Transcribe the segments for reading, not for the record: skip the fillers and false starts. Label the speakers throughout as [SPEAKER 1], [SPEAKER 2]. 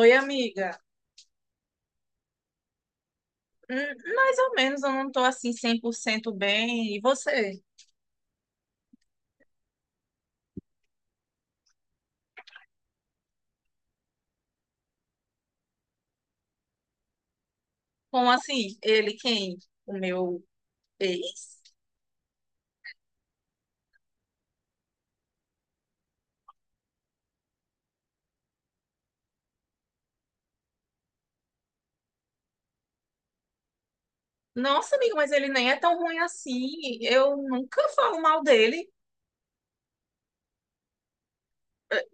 [SPEAKER 1] Oi, amiga. Hum. Mais ou menos, eu não tô assim 100% bem. E você? Como assim? Ele quem? O meu ex? Nossa, amiga, mas ele nem é tão ruim assim. Eu nunca falo mal dele.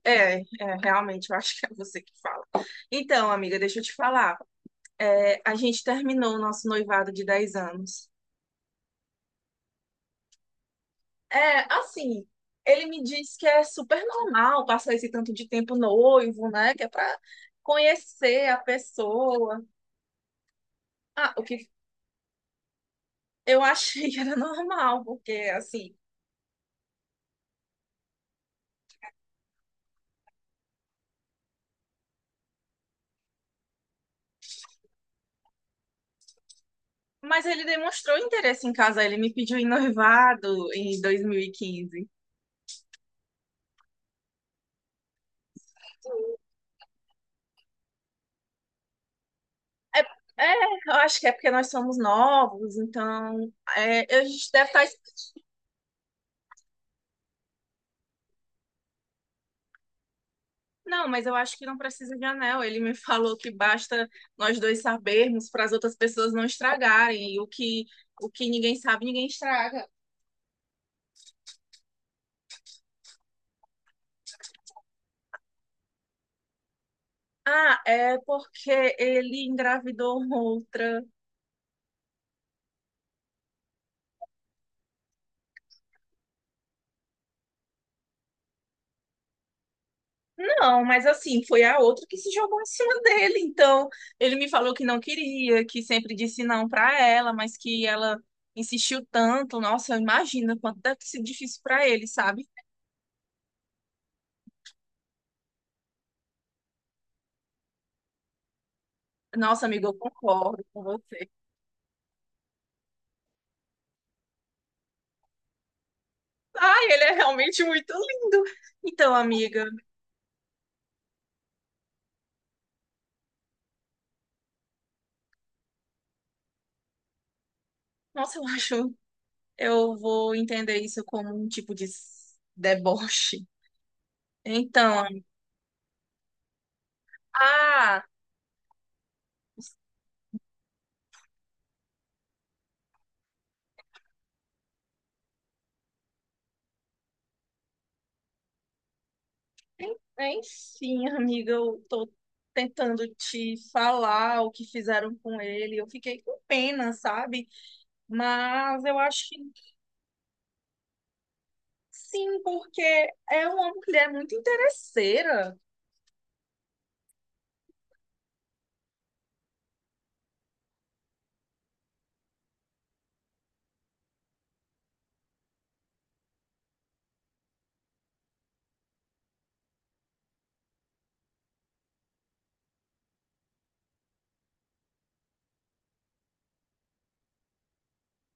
[SPEAKER 1] É, é, realmente, eu acho que é você que fala. Então, amiga, deixa eu te falar. É, a gente terminou o nosso noivado de 10 anos. É, assim, ele me diz que é super normal passar esse tanto de tempo noivo, né? Que é pra conhecer a pessoa. Ah, o que eu achei que era normal, porque assim. Mas ele demonstrou interesse em casar, ele me pediu em noivado em 2015. É, é, eu acho que é porque nós somos novos, então é, a gente deve estar. Não, mas eu acho que não precisa de anel. Ele me falou que basta nós dois sabermos para as outras pessoas não estragarem. E o que ninguém sabe, ninguém estraga. Ah, é porque ele engravidou outra. Não, mas assim, foi a outra que se jogou em cima dele. Então, ele me falou que não queria, que sempre disse não pra ela, mas que ela insistiu tanto. Nossa, imagina quanto deve ter sido difícil pra ele, sabe? Nossa, amiga, eu concordo com você. Ai, ele é realmente muito lindo. Então, amiga, nossa, eu acho, eu vou entender isso como um tipo de deboche. Então, ah, enfim, amiga, eu tô tentando te falar o que fizeram com ele. Eu fiquei com pena, sabe? Mas eu acho que sim, porque é uma mulher muito interesseira.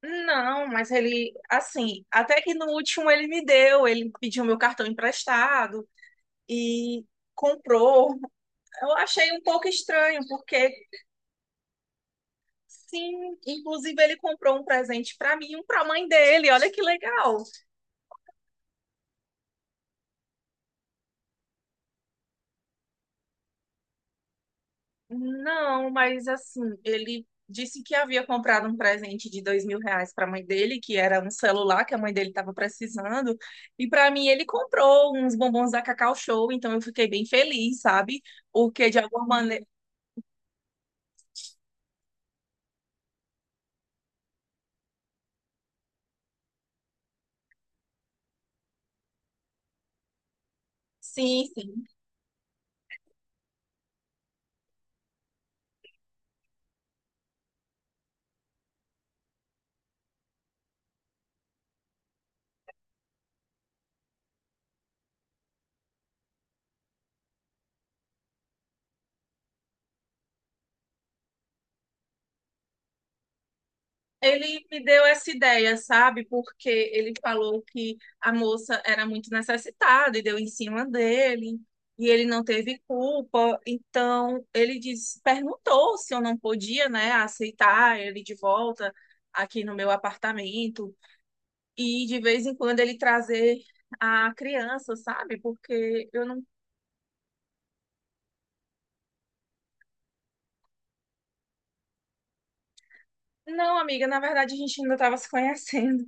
[SPEAKER 1] Não, mas ele, assim, até que no último ele me deu, ele pediu meu cartão emprestado e comprou. Eu achei um pouco estranho, porque sim, inclusive ele comprou um presente pra mim e um pra mãe dele. Olha que legal. Não, mas assim, ele disse que havia comprado um presente de R$ 2.000 para a mãe dele, que era um celular que a mãe dele estava precisando, e para mim ele comprou uns bombons da Cacau Show, então eu fiquei bem feliz, sabe? Porque de alguma maneira. Sim, sim. Ele me deu essa ideia, sabe? Porque ele falou que a moça era muito necessitada e deu em cima dele, e ele não teve culpa. Então, ele perguntou se eu não podia, né, aceitar ele de volta aqui no meu apartamento e de vez em quando ele trazer a criança, sabe? Porque eu não. Não, amiga, na verdade a gente ainda estava se conhecendo.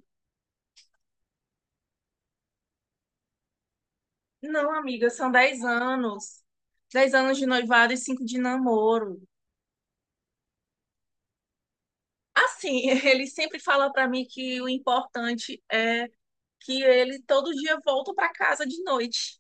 [SPEAKER 1] Não, amiga, são 10 anos. 10 anos de noivado e 5 de namoro. Assim, ele sempre fala para mim que o importante é que ele todo dia volta para casa de noite.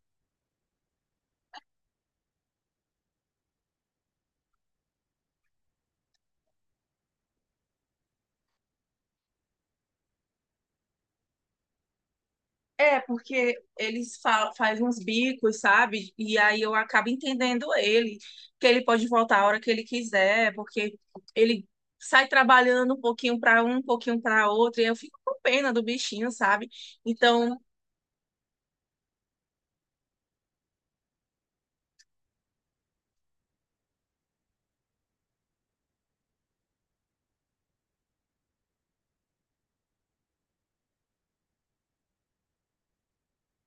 [SPEAKER 1] É, porque eles fa faz uns bicos, sabe? E aí eu acabo entendendo ele, que ele pode voltar a hora que ele quiser, porque ele sai trabalhando um pouquinho para um, um pouquinho para outro, e eu fico com pena do bichinho, sabe? Então,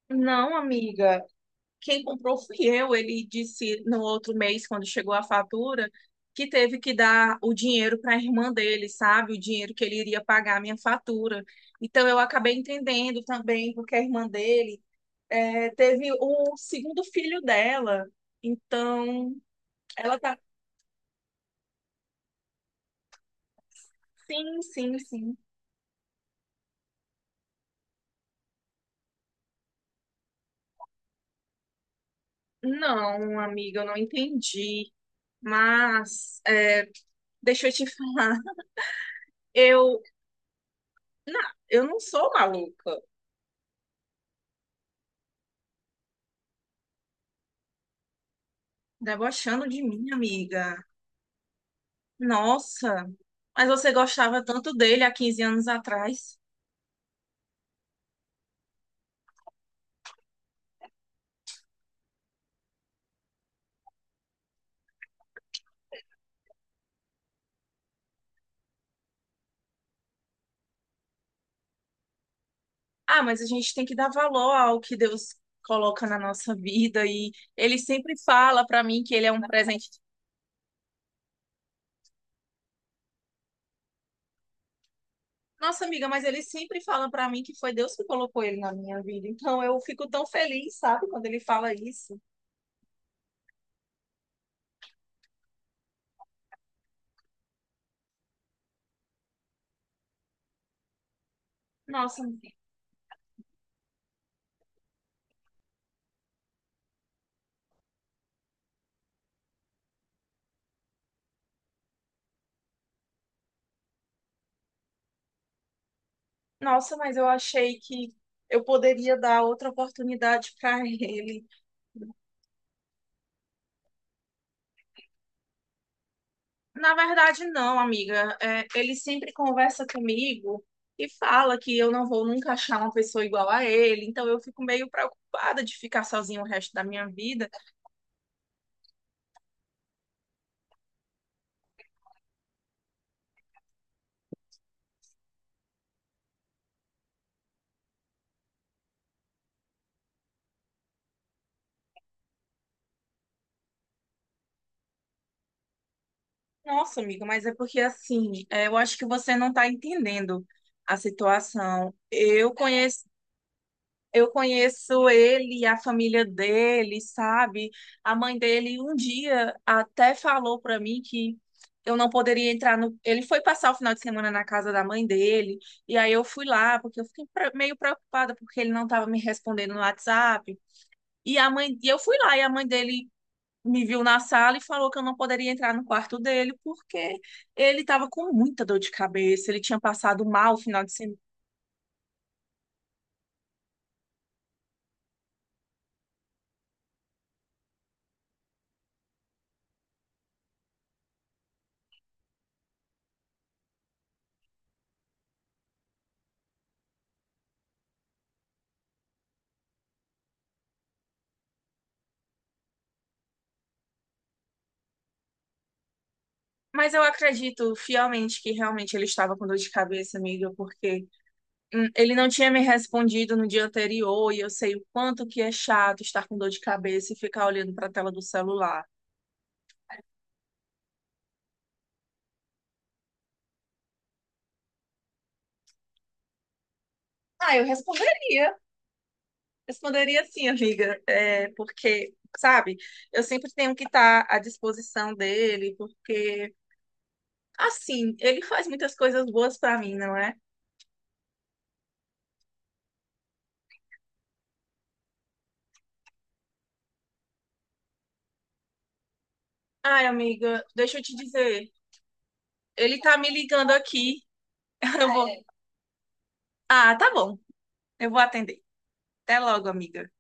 [SPEAKER 1] não, amiga. Quem comprou fui eu. Ele disse no outro mês, quando chegou a fatura, que teve que dar o dinheiro para a irmã dele, sabe? O dinheiro que ele iria pagar a minha fatura. Então eu acabei entendendo também, porque a irmã dele é, teve o segundo filho dela. Então ela tá. Sim, sim, sim. Não, amiga, eu não entendi. Mas é, deixa eu te falar, eu, eu não sou maluca. Debochando de mim, amiga. Nossa, mas você gostava tanto dele há 15 anos atrás. Ah, mas a gente tem que dar valor ao que Deus coloca na nossa vida e ele sempre fala pra mim que ele é um presente. Nossa, amiga, mas ele sempre fala pra mim que foi Deus que colocou ele na minha vida. Então eu fico tão feliz, sabe, quando ele fala isso. Nossa, nossa, mas eu achei que eu poderia dar outra oportunidade pra ele. Na verdade, não, amiga. É, ele sempre conversa comigo e fala que eu não vou nunca achar uma pessoa igual a ele. Então eu fico meio preocupada de ficar sozinha o resto da minha vida. Nossa, amiga, mas é porque assim, é, eu acho que você não está entendendo a situação. Eu conheço. Eu conheço ele e a família dele, sabe? A mãe dele um dia até falou para mim que eu não poderia entrar no. Ele foi passar o final de semana na casa da mãe dele, e aí eu fui lá, porque eu fiquei meio preocupada porque ele não estava me respondendo no WhatsApp. E a mãe, e eu fui lá e a mãe dele me viu na sala e falou que eu não poderia entrar no quarto dele porque ele estava com muita dor de cabeça, ele tinha passado mal o final de semana. Mas eu acredito fielmente que realmente ele estava com dor de cabeça, amiga, porque ele não tinha me respondido no dia anterior e eu sei o quanto que é chato estar com dor de cabeça e ficar olhando para a tela do celular. Ah, eu responderia. Responderia sim, amiga, é, porque, sabe, eu sempre tenho que estar à disposição dele, porque, assim, ele faz muitas coisas boas para mim, não é? Ai, amiga, deixa eu te dizer, ele tá me ligando aqui. Eu vou. Ah, tá bom, eu vou atender. Até logo, amiga.